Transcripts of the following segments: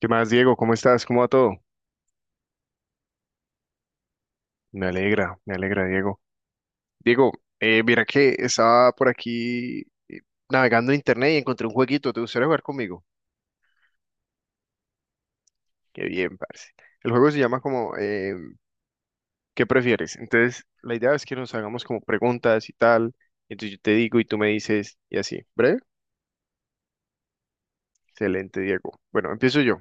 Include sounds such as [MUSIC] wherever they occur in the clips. ¿Qué más, Diego? ¿Cómo estás? ¿Cómo va todo? Me alegra, Diego. Diego, mira que estaba por aquí eh, navegando en internet y encontré un jueguito. ¿Te gustaría jugar conmigo? Qué bien, parce. El juego se llama como ¿qué prefieres? Entonces, la idea es que nos hagamos como preguntas y tal. Entonces yo te digo y tú me dices y así. ¿Breve? Excelente, Diego. Bueno, empiezo yo.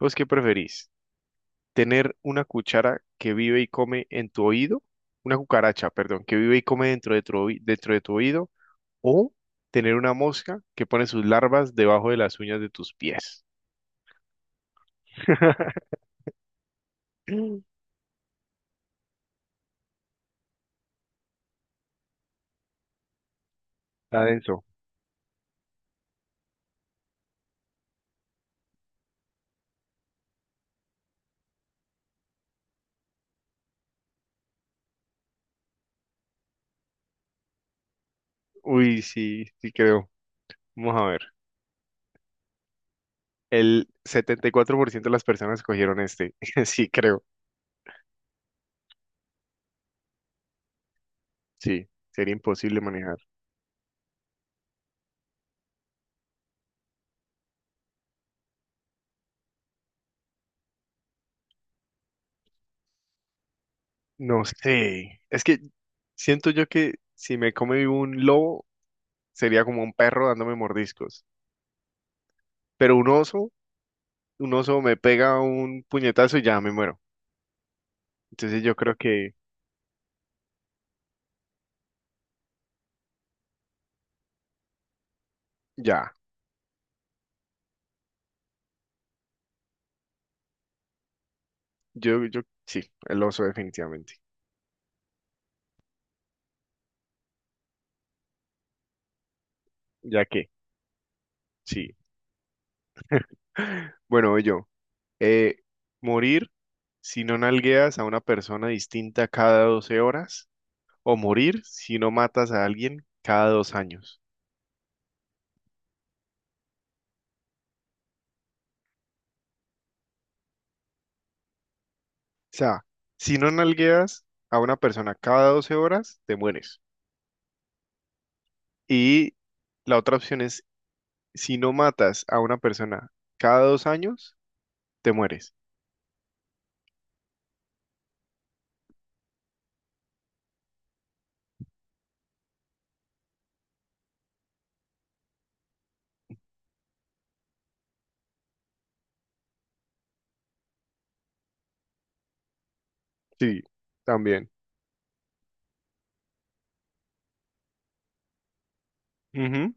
¿Vos qué preferís? ¿Tener una cuchara que vive y come en tu oído? Una cucaracha, perdón, que vive y come dentro de tu oído. O tener una mosca que pone sus larvas debajo de las uñas de tus pies. [LAUGHS] Está denso. Uy, sí, sí creo. Vamos a ver. El 74% de las personas cogieron este. [LAUGHS] Sí creo. Sí, sería imposible manejar. No sé. Es que siento yo que si me come vivo un lobo, sería como un perro dándome mordiscos. Pero un oso me pega un puñetazo y ya me muero. Entonces yo creo que ya. Yo, yo, sí, el oso definitivamente. Ya que, sí. Bueno, voy yo. Eh, morir si no nalgueas a una persona distinta cada 12 horas o morir si no matas a alguien cada 2 años. O sea, si no nalgueas a una persona cada 12 horas, te mueres. Y la otra opción es, si no matas a una persona cada 2 años, te mueres. Sí, también. Ujú.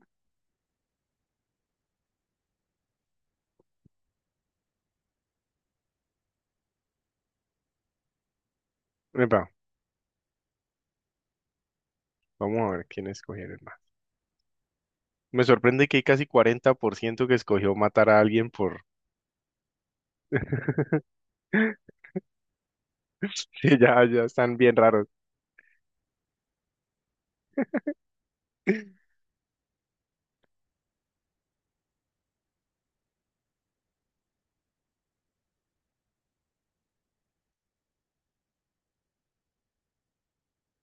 Epa, vamos a ver quién escogieron más. Me sorprende que hay casi 40% que escogió matar a alguien por. Sí, ya, ya están bien raros.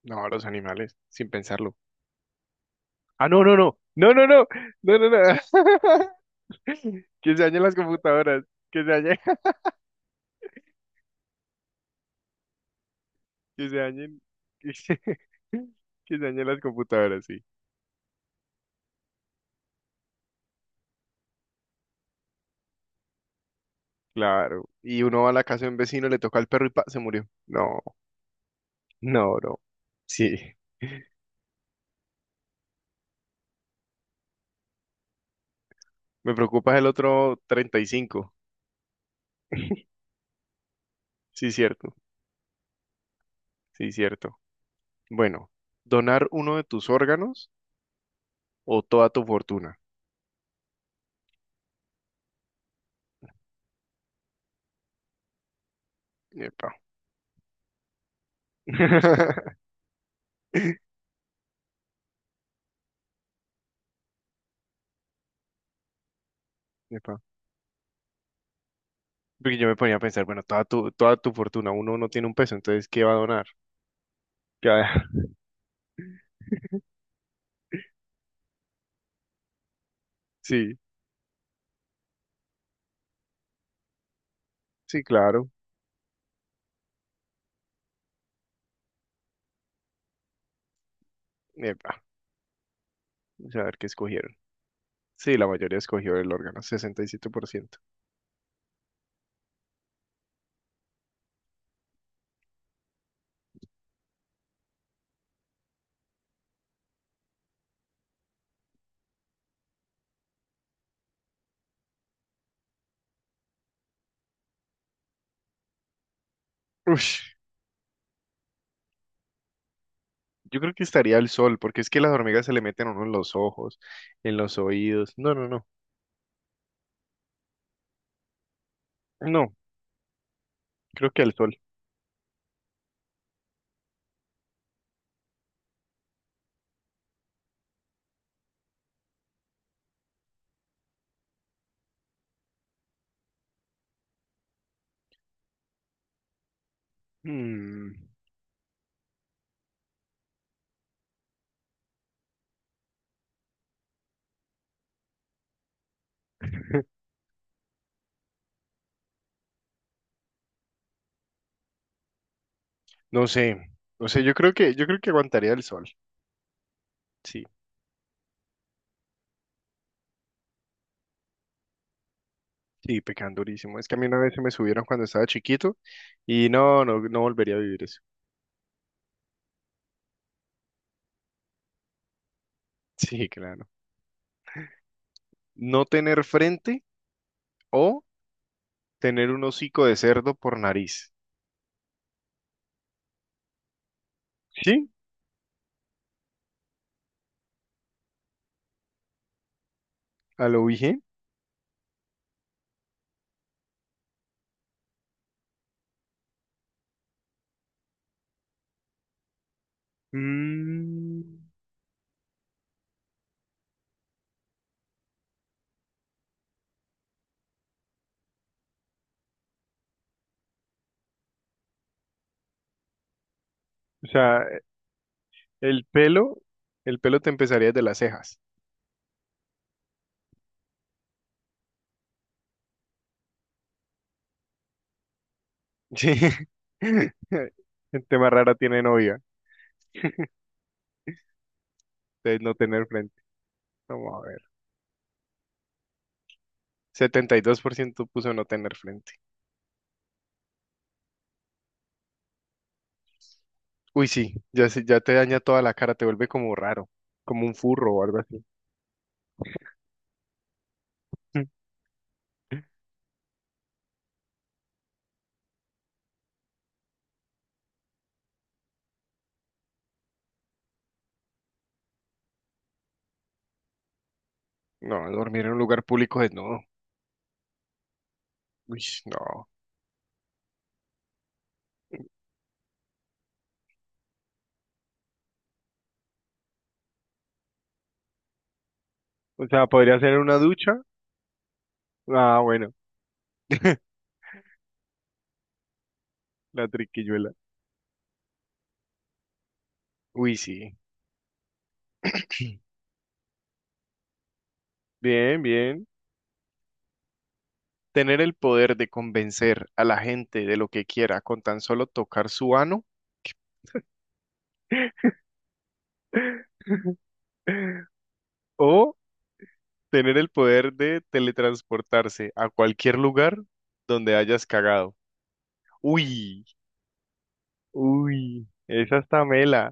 No, los animales, sin pensarlo. Ah, no, no, no, no, no, no, no, no, no. [LAUGHS] Que se dañen las computadoras, que se dañen, [LAUGHS] que se dañen, que se, [LAUGHS] que se dañen las computadoras, sí, claro. Y uno va a la casa de un vecino, le toca al perro y pa, se murió. No, no, no. Sí, me preocupa el otro 35. [LAUGHS] Sí, cierto, sí, cierto. Bueno, donar uno de tus órganos o toda tu fortuna. Epa. [LAUGHS] Epa. Porque yo me ponía a pensar, bueno, toda tu fortuna, uno no tiene un peso, entonces, ¿qué va a donar? ¿Qué va a dejar? [LAUGHS] Sí, sí, claro. Epa, vamos a ver qué escogieron. Sí, la mayoría escogió el órgano, 67%. Ush, yo creo que estaría el sol, porque es que las hormigas se le meten a uno en los ojos, en los oídos. No, no, no. No, creo que el sol. Mm. No sé, no sé, yo creo que aguantaría el sol. Sí, sí, pecando durísimo. Es que a mí una vez se me subieron cuando estaba chiquito y no, no, no volvería a vivir eso. [LAUGHS] Sí, claro. No tener frente o tener un hocico de cerdo por nariz. Sí, a lo dije. Mm, o sea, el pelo, el pelo te empezaría desde las cejas. Sí. [LAUGHS] Gente más rara tiene novia. Entonces no tener frente. Vamos a ver. 72% puso no tener frente. Uy, sí, ya, se- ya te daña toda la cara, te vuelve como raro, como un furro o algo así. [LAUGHS] No, dormir en un lugar público es no. Uy, no. O sea, podría ser en una ducha. Ah, bueno, [LAUGHS] la triquiñuela. Uy, sí. Bien, bien. Tener el poder de convencer a la gente de lo que quiera con tan solo tocar su ano [LAUGHS] o tener el poder de teletransportarse a cualquier lugar donde hayas cagado. Uy, uy, esa está mela.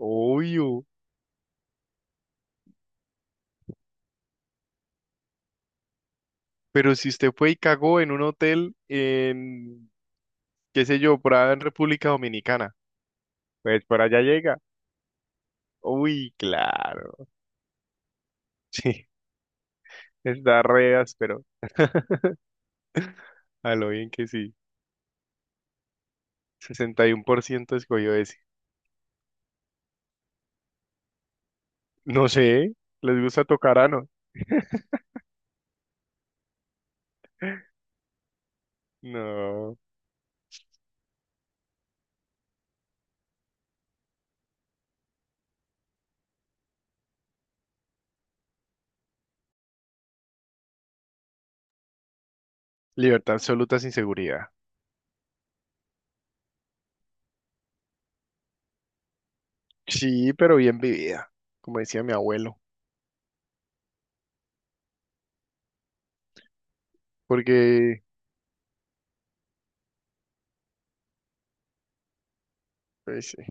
Obvio, pero si usted fue y cagó en un hotel en, qué sé yo, por allá en República Dominicana, pues por allá llega. Uy, claro. [LAUGHS] Sí, está re pero [LAUGHS] a lo bien que sí. 61% escogió ese. No sé, les gusta tocar ano. [LAUGHS] No. No. Libertad absoluta sin seguridad. Sí, pero bien vivida, como decía mi abuelo. Porque, pues, sí,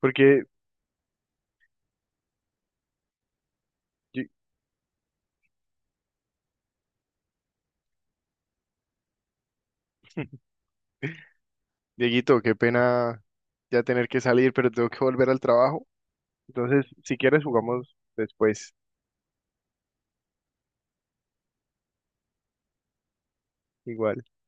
porque yo, Dieguito, qué pena ya tener que salir, pero tengo que volver al trabajo. Entonces, si quieres, jugamos después. Igual.